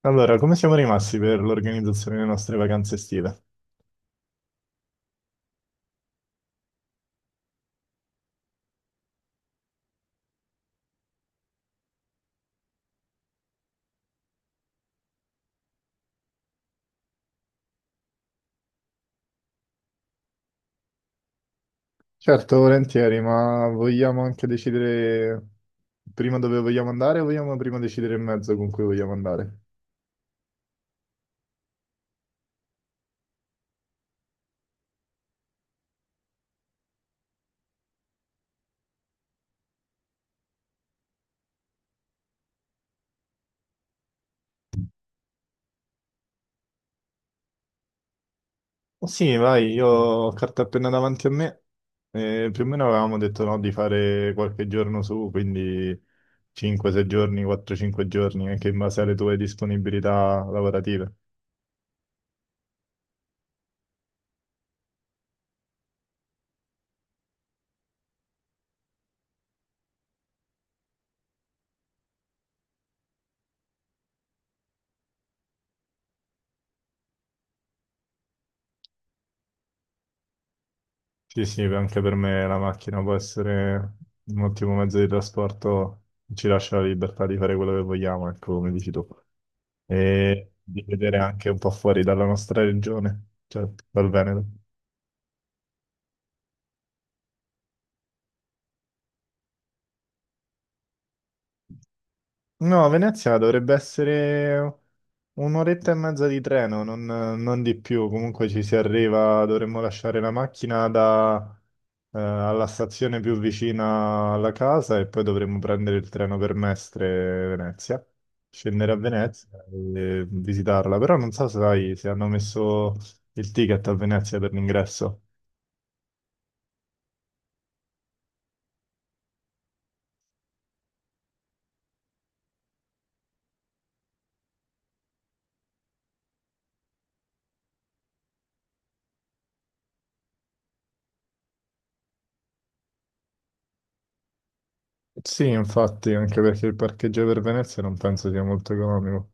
Allora, come siamo rimasti per l'organizzazione delle nostre vacanze estive? Certo, volentieri, ma vogliamo anche decidere prima dove vogliamo andare o vogliamo prima decidere il mezzo con cui vogliamo andare? Oh sì, vai, io ho carta appena davanti a me. E più o meno avevamo detto no, di fare qualche giorno su, quindi 5-6 giorni, 4-5 giorni, anche in base alle tue disponibilità lavorative. Sì, anche per me la macchina può essere un ottimo mezzo di trasporto, ci lascia la libertà di fare quello che vogliamo, ecco, come dici tu, e di vedere anche un po' fuori dalla nostra regione, cioè dal Veneto. No, Venezia dovrebbe essere un'oretta e mezza di treno, non di più. Comunque ci si arriva, dovremmo lasciare la macchina da, alla stazione più vicina alla casa e poi dovremmo prendere il treno per Mestre Venezia, scendere a Venezia e visitarla. Però non so se sai se hanno messo il ticket a Venezia per l'ingresso. Sì, infatti, anche perché il parcheggio per Venezia non penso sia molto economico.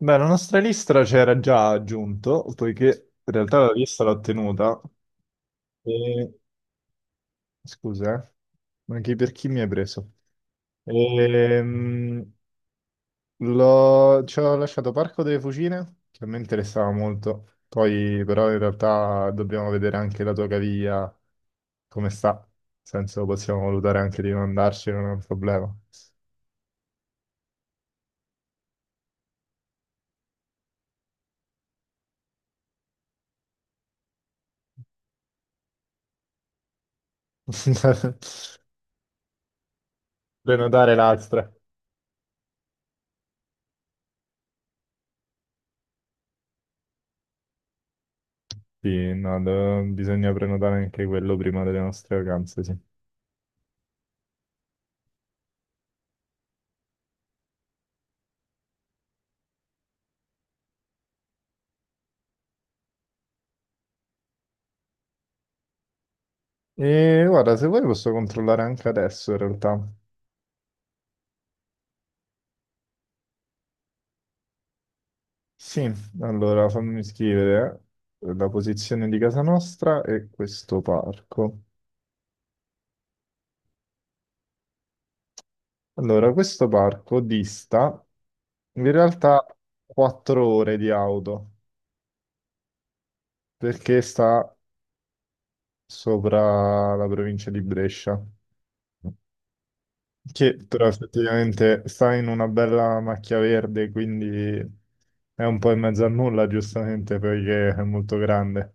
Beh, la nostra lista c'era già aggiunto, poiché in realtà la lista l'ho tenuta. E... Scusa, eh. Ma chi per chi mi hai preso? Ehm, Ci ho lasciato Parco delle Fucine, che a me interessava molto. Poi però in realtà dobbiamo vedere anche la tua caviglia, come sta. Nel senso possiamo valutare anche di non andarci, non è un problema. Prenotare l'altra. Sì, no, bisogna prenotare anche quello prima delle nostre vacanze, sì. E guarda, se vuoi posso controllare anche adesso in realtà. Sì, allora fammi scrivere la posizione di casa nostra e questo parco. Allora, questo parco dista in realtà 4 ore di auto perché sta sopra la provincia di Brescia. Che però effettivamente sta in una bella macchia verde, quindi è un po' in mezzo a nulla, giustamente, perché è molto grande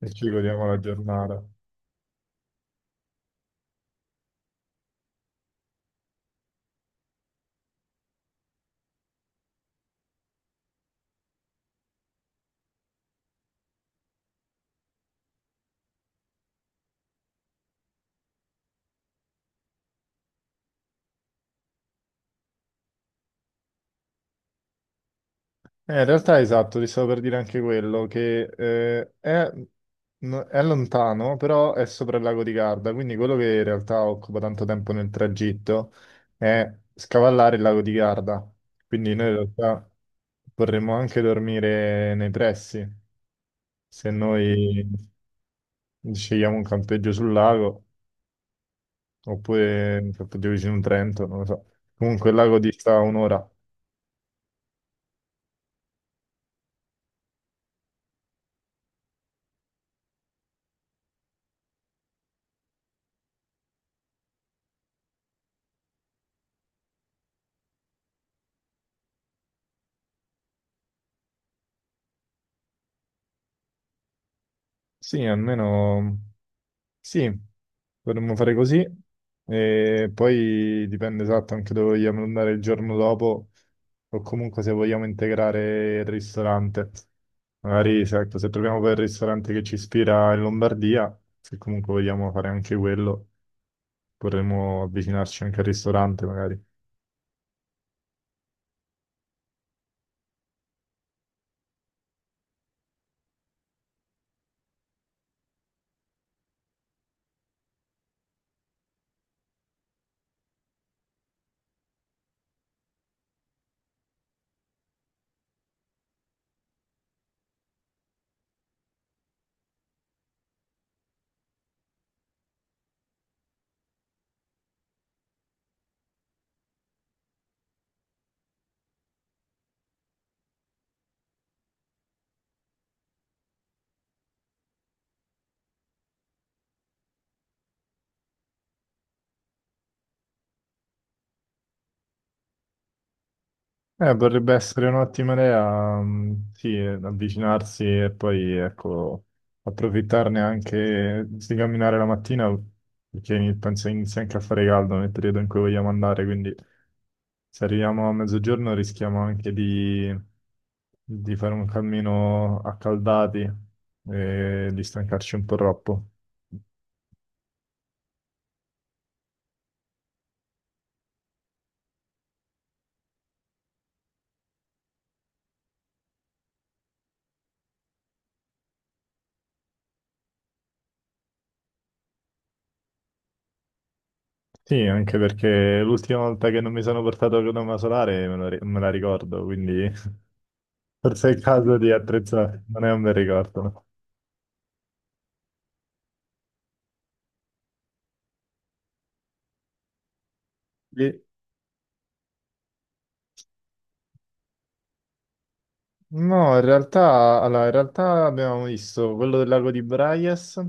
e ci godiamo la giornata. In realtà, esatto, ti stavo per dire anche quello, che è, è lontano, però è sopra il lago di Garda, quindi quello che in realtà occupa tanto tempo nel tragitto è scavallare il lago di Garda. Quindi noi in realtà vorremmo anche dormire nei pressi, se noi... Scegliamo un campeggio sul lago oppure un campeggio vicino a un Trento, non lo so. Comunque il lago dista un'ora. Sì, almeno sì, potremmo fare così. E poi dipende esatto anche dove vogliamo andare il giorno dopo o comunque se vogliamo integrare il ristorante. Magari, se ecco, se troviamo quel ristorante che ci ispira in Lombardia, se comunque vogliamo fare anche quello, potremmo avvicinarci anche al ristorante magari. Potrebbe essere un'ottima idea, mm, sì, avvicinarsi e poi, ecco, approfittarne anche di camminare la mattina, perché penso inizia anche a fare caldo nel periodo in cui vogliamo andare, quindi se arriviamo a mezzogiorno rischiamo anche di fare un cammino accaldati e di stancarci un po' troppo. Sì, anche perché l'ultima volta che non mi sono portato la crema solare me la, me la ricordo, quindi... Forse è il caso di attrezzare, non è un bel ricordo. Lì- No, in realtà, allora, in realtà abbiamo visto quello del lago di Braies,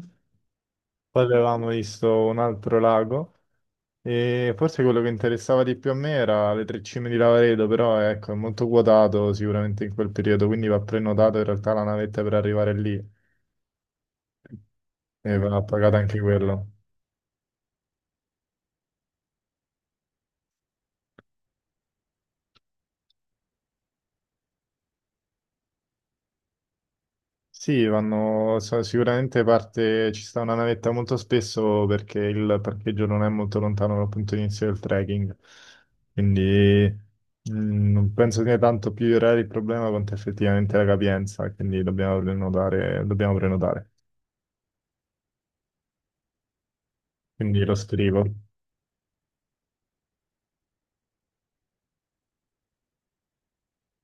poi avevamo visto un altro lago e forse quello che interessava di più a me era le tre cime di Lavaredo, però ecco, è molto quotato sicuramente in quel periodo, quindi va prenotato in realtà la navetta per arrivare lì e va pagata anche quello. Sì, vanno, sicuramente parte, ci sta una navetta molto spesso perché il parcheggio non è molto lontano dal punto di inizio del trekking, quindi non penso sia tanto più il reale il problema quanto effettivamente la capienza, quindi dobbiamo prenotare. Quindi lo scrivo.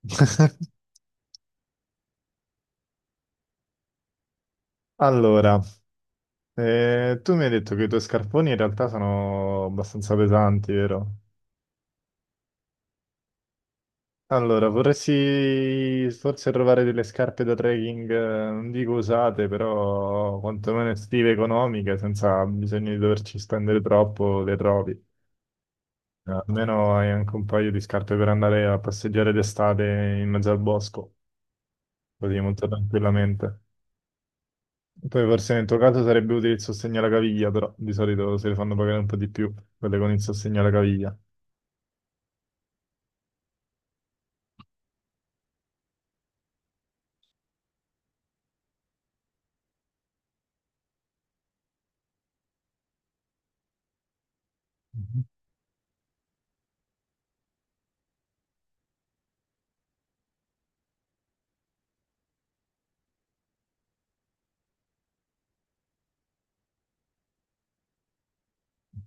Allora, tu mi hai detto che i tuoi scarponi in realtà sono abbastanza pesanti, vero? Allora, vorresti forse trovare delle scarpe da trekking, non dico usate, però quantomeno estive, economiche, senza bisogno di doverci spendere troppo, le trovi. Almeno hai anche un paio di scarpe per andare a passeggiare d'estate in mezzo al bosco, così molto tranquillamente. Poi forse nel tuo caso sarebbe utile il sostegno alla caviglia, però di solito se le fanno pagare un po' di più, quelle con il sostegno alla caviglia.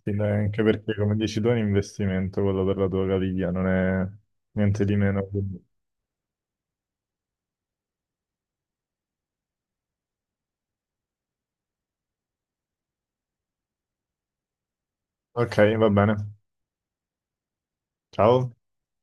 Sì, dai, anche perché come dici tu è un investimento quello per la tua caviglia, non è niente di meno. Quindi. Ok, va bene. Ciao.